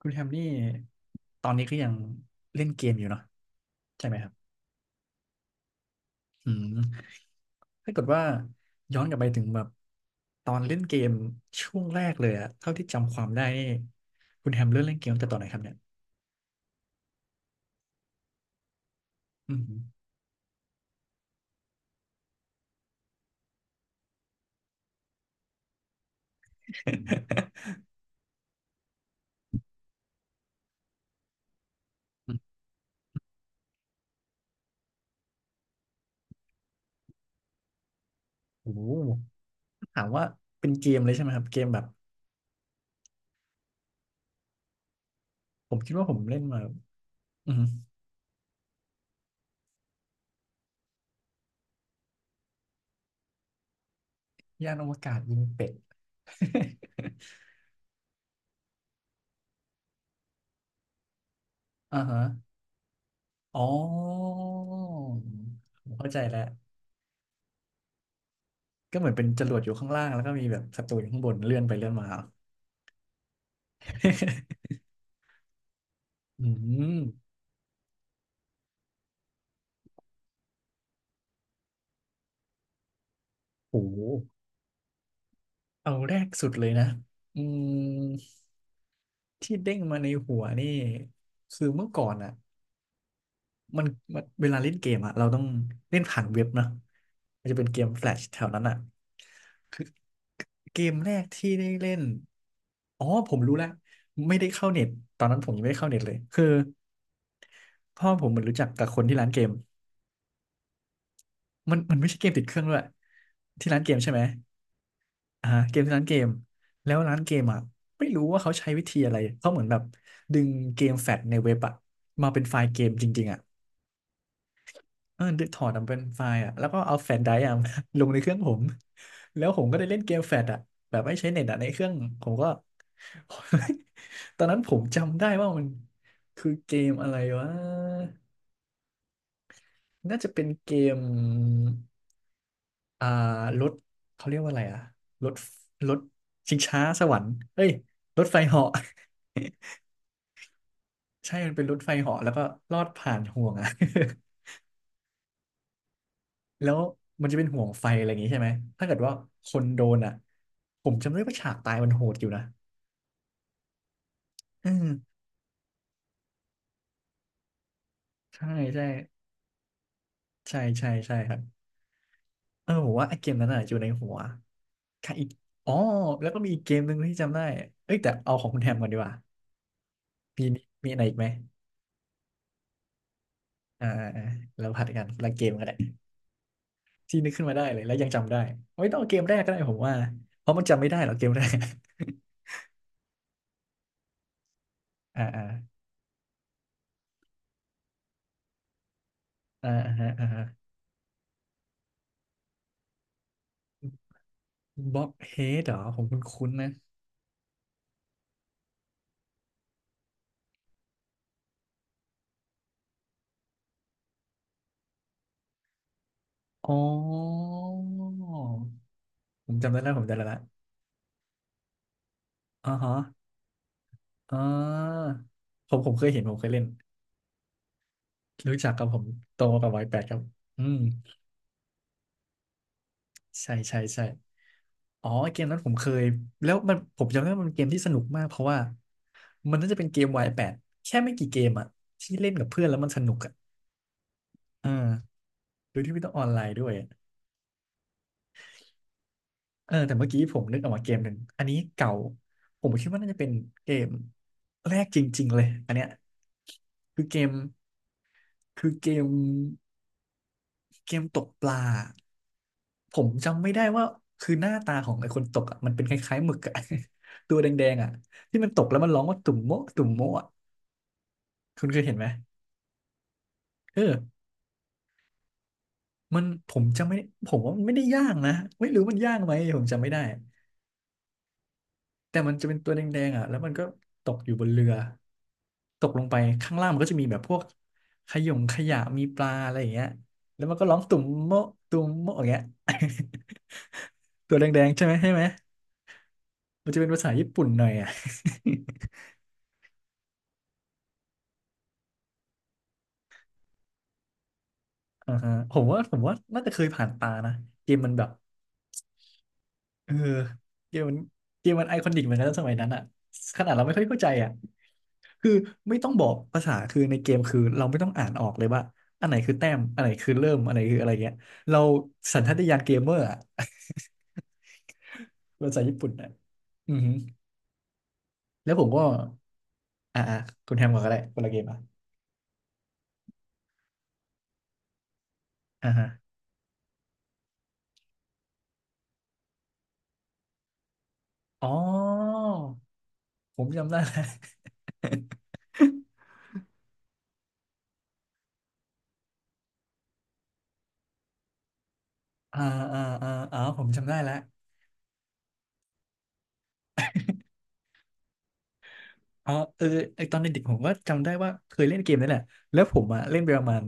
คุณแฮมนี่ตอนนี้ก็ยังเล่นเกมอยู่เนาะใช่ไหมครับอืมถ้าเกิดว่าย้อนกลับไปถึงแบบตอนเล่นเกมช่วงแรกเลยอะเท่าที่จำความได้นี่คุณแฮมเริ่มเล่นเกมตั้งแต่ตอนไหนครับเนี่ยอืม โอ้โหถามว่าเป็นเกมเลยใช่ไหมครับเกมแบบผมคิดว่าผมเล่นมาอืมยานอวกาศยิงเป็ด อ่าฮะอ๋อผมเข้าใจแล้ว ก็เหมือนเป็นจรวดอยู่ข้างล่างแล้วก็มีแบบศัตรูอยู่ข้างบนเลื่อนไปเลื่อนมา อืมโหเอาแรกสุดเลยนะอืมที่เด้งมาในหัวนี่คือเมื่อก่อนอ่ะมันมันเวลาเล่นเกมอ่ะเราต้องเล่นผ่านเว็บเนอะมันจะเป็นเกมแฟลชแถวนั้นอ่ะคือเกมแรกที่ได้เล่นอ๋อผมรู้แล้ว ไม่ได้เข้าเน็ตตอนนั้นผมยังไม่ได้เข้าเน็ตเลยคือพ่อผมเหมือนรู้จักกับคนที่ร้านเกมมันไม่ใช่เกมติดเครื่องด้วยที่ร้านเกมใช่ไหม อ่าเกมคือร้านเกมแล้วร้านเกมอ่ะไม่รู้ว่าเขาใช้วิธีอะไรเขาเหมือนแบบดึงเกมแฟตในเว็บอ่ะมาเป็นไฟล์เกมจริงๆอ่ะเออดึงถอดมันเป็นไฟล์อ่ะแล้วก็เอาแฟตไดรฟ์อ่ะ ลงในเครื่องผมแล้วผมก็ได้เล่นเกมแฟตอ่ะแบบไม่ใช้เน็ตอ่ะในเครื่องผมก็ ตอนนั้นผมจำได้ว่ามันคือเกมอะไรวะน่าจะเป็นเกม อ่ารถเขาเรียกว่าอะไรอะรถรถชิงช้าสวรรค์เอ้ยรถไฟเหาะ ใช่มันเป็นรถไฟเหาะแล้วก็ลอดผ่านห่วงอะ แล้วมันจะเป็นห่วงไฟอะไรอย่างงี้ใช่ไหมถ้าเกิดว่าคนโดนอะผมจำได้ว่าฉากตายมันโหดอยู่นะอืมใช่ใช่ใช่ใช่ใช่ครับเออผมว่าไอ้เกมนั้นอะอยู่ในหัวค่ะอีกอ๋อแล้วก็มีอีกเกมหนึ่งที่จำได้เอ้ยแต่เอาของคุณแฮมก่อนดีกว่ามีอะไรอีกไหมอ่าอ่าอ่าแล้วผัดกันละเกมกันแหละ ที่นึกขึ้นมาได้เลยแล้วยังจำได้ไม่ต้องเอาเกมแรกก็ได้ผมว่าเพราะมันจำไม่ได้หรอกเกมแรก อ่าอ่าอ่าฮะอ่าบล็อกเฮดเหรอผมคุ้นๆนะอ๋อผมจำได้แล้วผมจำได้ละอ๋อฮะอ่าผมเคยเห็นผมเคยเล่นรู้จักกับผมโตมากับวัยแปดครับอืมใช่ใช่ใช่อ๋อเกมนั้นผมเคยแล้วมันผมจำได้ว่ามันเป็นเกมที่สนุกมากเพราะว่ามันน่าจะเป็นเกม y ดแค่ไม่กี่เกมอะที่เล่นกับเพื่อนแล้วมันสนุกอะ เออโดยที่ไม่ต้องออนไลน์ด้วยเออแต่เมื่อกี้ผมนึกออกมาเกมหนึ่งอันนี้เก่าผมคิดว่าน่าจะเป็นเกมแรกจริงๆเลยอันเนี้ยคือเกมคือเกมเกมตกปลาผมจำไม่ได้ว่าคือหน้าตาของไอ้คนตกอ่ะมันเป็นคล้ายๆหมึกอ่ะ ตัวแดงๆอ่ะที่มันตกแล้วมันร้องว่าตุ่มโมะตุ่มโมะอะคุณเคยเห็นไหมเออมันผมจำไม่ผมว่ามันไม่ได้ย่างนะไม่รู้มันย่างไหมผมจำไม่ได้ แต่มันจะเป็นตัวแดงๆอ่ะแล้วมันก็ตกอยู่บนเรือตกลงไปข้างล่างมันก็จะมีแบบพวกขยงขยะมีปลาอะไรอย่างเงี้ยแล้วมันก็ร้องตุ่มโมะตุ่มโมะอย่างเงี้ย ตัวแดงๆใช่ไหมใช่ไหมมันจะเป็นภาษาญี่ปุ่นหน่อยอ่ะ อ่าฮะผมว่าน่าจะเคยผ่านตานะเกมมันแบบ เออเกมมันไอคอนิกเหมือนกันนะสมัยนั้นอ่ะขนาดเราไม่ค่อยเข้าใจอ่ะคือไม่ต้องบอกภาษาคือในเกมคือเราไม่ต้องอ่านออกเลยว่าอันไหนคือแต้มอันไหนคือเริ่มอันไหนคืออะไรเงี้ยเราสัญชาตญาณเกมเมอร์อ่ะ ภาษาญี่ปุ่นอ่ะอือฮึแล้วผมก็อ่าอ่าคุณแฮมก่อนก็ได้คนละเกมอ่ะอ่าฮะอ๋อผมจำได้แล้วอ่าอ่าอ่าอ๋อผมจำได้แล้ว อ๋อเออไอตอนเด็กๆผมก็จำได้ว่าเคยเล่นเกมนั่นแหละแล้วผมอ่ะเล่นไปประมาณ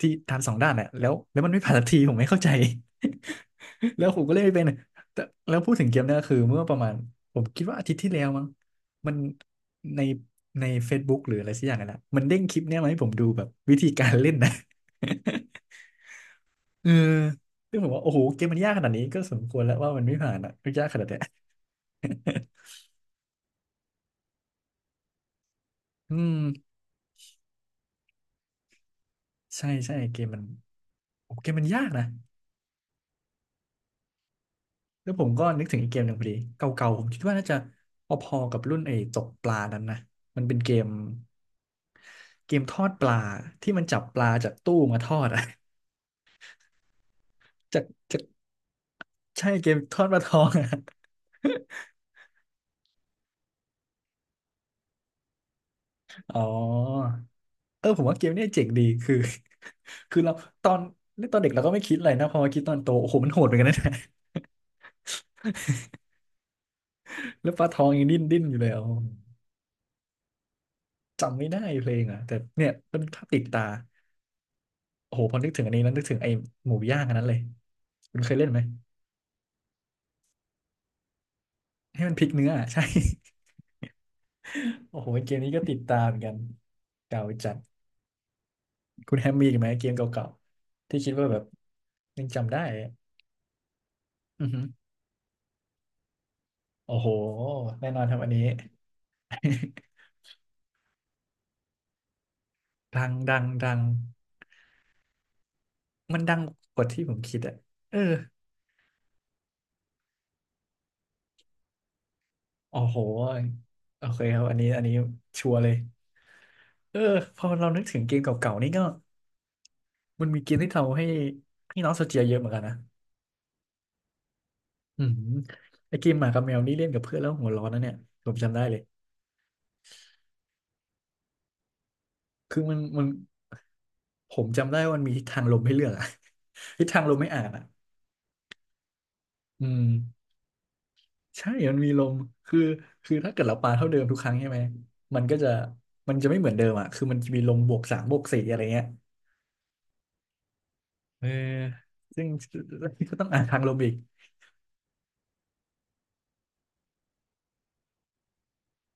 ที่ทานสองด้านแหละแล้วมันไม่ผ่านสักทีผมไม่เข้าใจ แล้วผมก็เล่นไม่เป็นแต่แล้วพูดถึงเกมเนี้คือเมื่อประมาณผมคิดว่าอาทิตย์ที่แล้วมั้งมันในFacebook หรืออะไรสักอย่างนั่นแหละมันเด้งคลิปเนี้ยมาให้ผมดูแบบวิธีการเล่นนะ เออซึ่งผมว่าโอ้โหเกมมันยากขนาดนี้ก็สมควรแล้วว่ามันไม่ผ่านอ่ะยากขนาดเนี้ยอืมใช่ใช่เกมมันโอ้เกมมันยากนะ แล้วผมก็นึกถึงอีกเกมหนึ่งพอดีเก่าๆผมคิดว่าน่าจะพอๆกับรุ่นไอ้ตกปลานั้นนะมันเป็นเกมทอดปลาที่มันจับปลาจากตู้มาทอดอะ จากจากใช่เกมทอดปลาทองอะ อ๋อเออผมว่าเกมเนี้ยเจ๋งดีคือคือเราตอนเล่นตอนเด็กเราก็ไม่คิดอะไรนะพอมาคิดตอนโตโอ้โหมันโหดเหมือนกันนะ แล้วปลาทองยังดิ้นดิ้นอยู่เลยอ๋อจำไม่ได้เพลงอ่ะแต่เนี่ยเป็นภาพติดตาโอ้โหพอนึกถึงอันนี้แล้วนึกถึงไอ้หมูย่างอันนั้นเลยคุณเคยเล่นไหมให้มันพลิกเนื้ออะ ใช่ โอ้โหเกมนี้ก็ติดตามเหมือนกันเก่าจัดคุณแฮมมีอีกไหมเกมเก่าๆที่คิดว่าแบบยังจำได้อะอือฮึโอ้โหแน่นอนครับอันนี้ ดังดังดังมันดังกว่าที่ผมคิดอะเออโอ้โหโอเคครับอันนี้อันนี้ชัวร์เลยเออพอเรานึกถึงเกมเก่าๆนี่ก็มันมีเกมที่ทำให้ให้น้องโซเจียเยอะเหมือนกันนะอืมไอเกมหมากับแมวนี่เล่นกับเพื่อนแล้วหัวร้อนนะเนี่ยผมจำได้เลยคือมัน ผมจำได้ว่ามันมีทิศทางลมให้เลือกอะ ทิศทางลมไม่อ่านอะอืมใช่มันมีลมคือคือถ้าเกิดเราปาเท่าเดิมทุกครั้งใช่ไหม มันก็จะมันจะไม่เหมือนเดิมอะคือมันจะมีลมบวกสามบวกสี่อะไรเงี้ยเออซึ่ง ก็ต้องอ่านทางลมอีก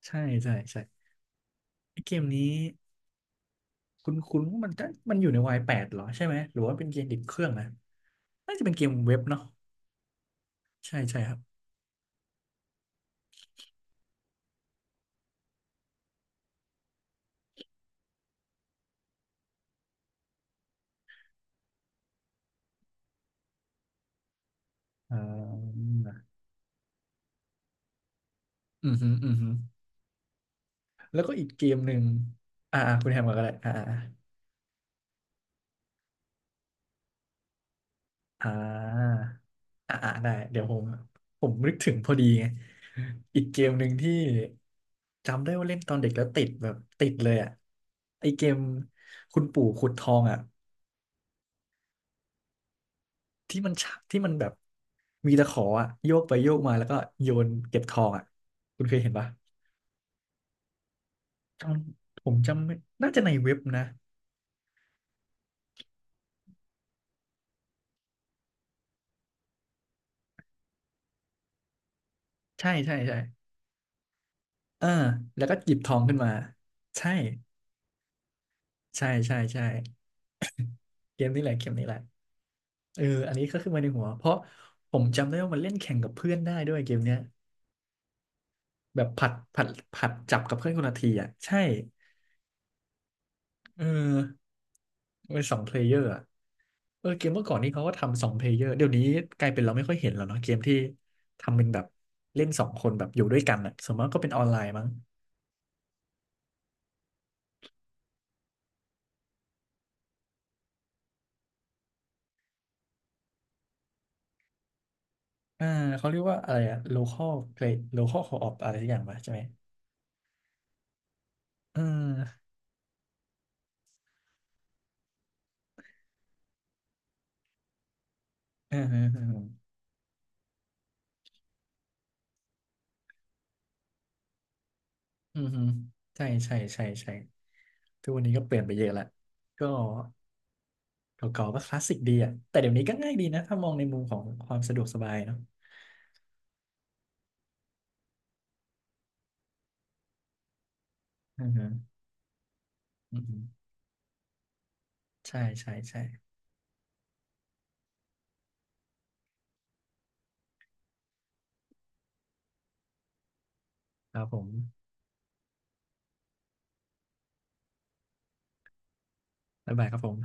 ใช่ใช่ใช่ไอเกมนี้คุณมันก็มันอยู่ในวายแปดเหรอใช่ไหมหรือว่าเป็นเกมติดเครื่องนะน่าจะเป็นเกมเว็บเนาะใช่ใช่ครับอ่าอือหืออือหือแล้วก็อีกเกมหนึ่งอ่าอ่าคุณแฮมก่อนก็ได้อ่า อ่าอ่าอ่าได้เดี๋ยวผมนึกถึงพอดีไงอีกเกมหนึ่งที่จำได้ว่าเล่นตอนเด็กแล้วติดแบบติดเลยอ่ะไอเกมคุณปู่ขุดทองอ่ะที่มันฉะที่มันแบบมีตะขออ่ะโยกไปโยกมาแล้วก็โยนเก็บทองอ่ะคุณเคยเห็นปะจำผมจำไม่น่าจะในเว็บนะใช่ใช่ใช่เออแล้วก็หยิบทองขึ้นมาใช่ใช่ใช่ใช่เกมนี้แหละเกมนี้แหละ เอออันนี้ก็ขึ้นมาในหัว เพราะผมจำได้ว่ามันเล่นแข่งกับเพื่อนได้ด้วยเกมเนี้ยแบบผัดผัดจับกับเพื่อนคนละทีอ่ะใช่ เออมันเป็นสองเพลเยอร์อ่ะเออเกมเมื่อก่อนนี่เขาก็ทำสองเพลเยอร์เดี๋ยวนี้กลายเป็นเราไม่ค่อยเห็นแล้วเนาะ เกมที่ทำเป็นแบบเล่นสองคนแบบอยู่ด้วยกันอ่ะสมมติก็เป็นออนไลน์มั้งอ่าเขาเรียกว่าอะไรอะ local play local co-op อะไรสักอย่างปะใช่ไหมเออเอออืมอใช่ใช่ใช่ใช่ทุกวันนี้ก็เปลี่ยนไปเยอะละก็ เก่าๆก็คลาสสิกดีอ่ะแต่เดี๋ยวนี้ก็ง่ายดีนะถ้ามองในมุมของความสะดวกสบายเนาะอือฮึอือฮึใช่ใช่ใช่ครับผมบ๊ายบายครับผม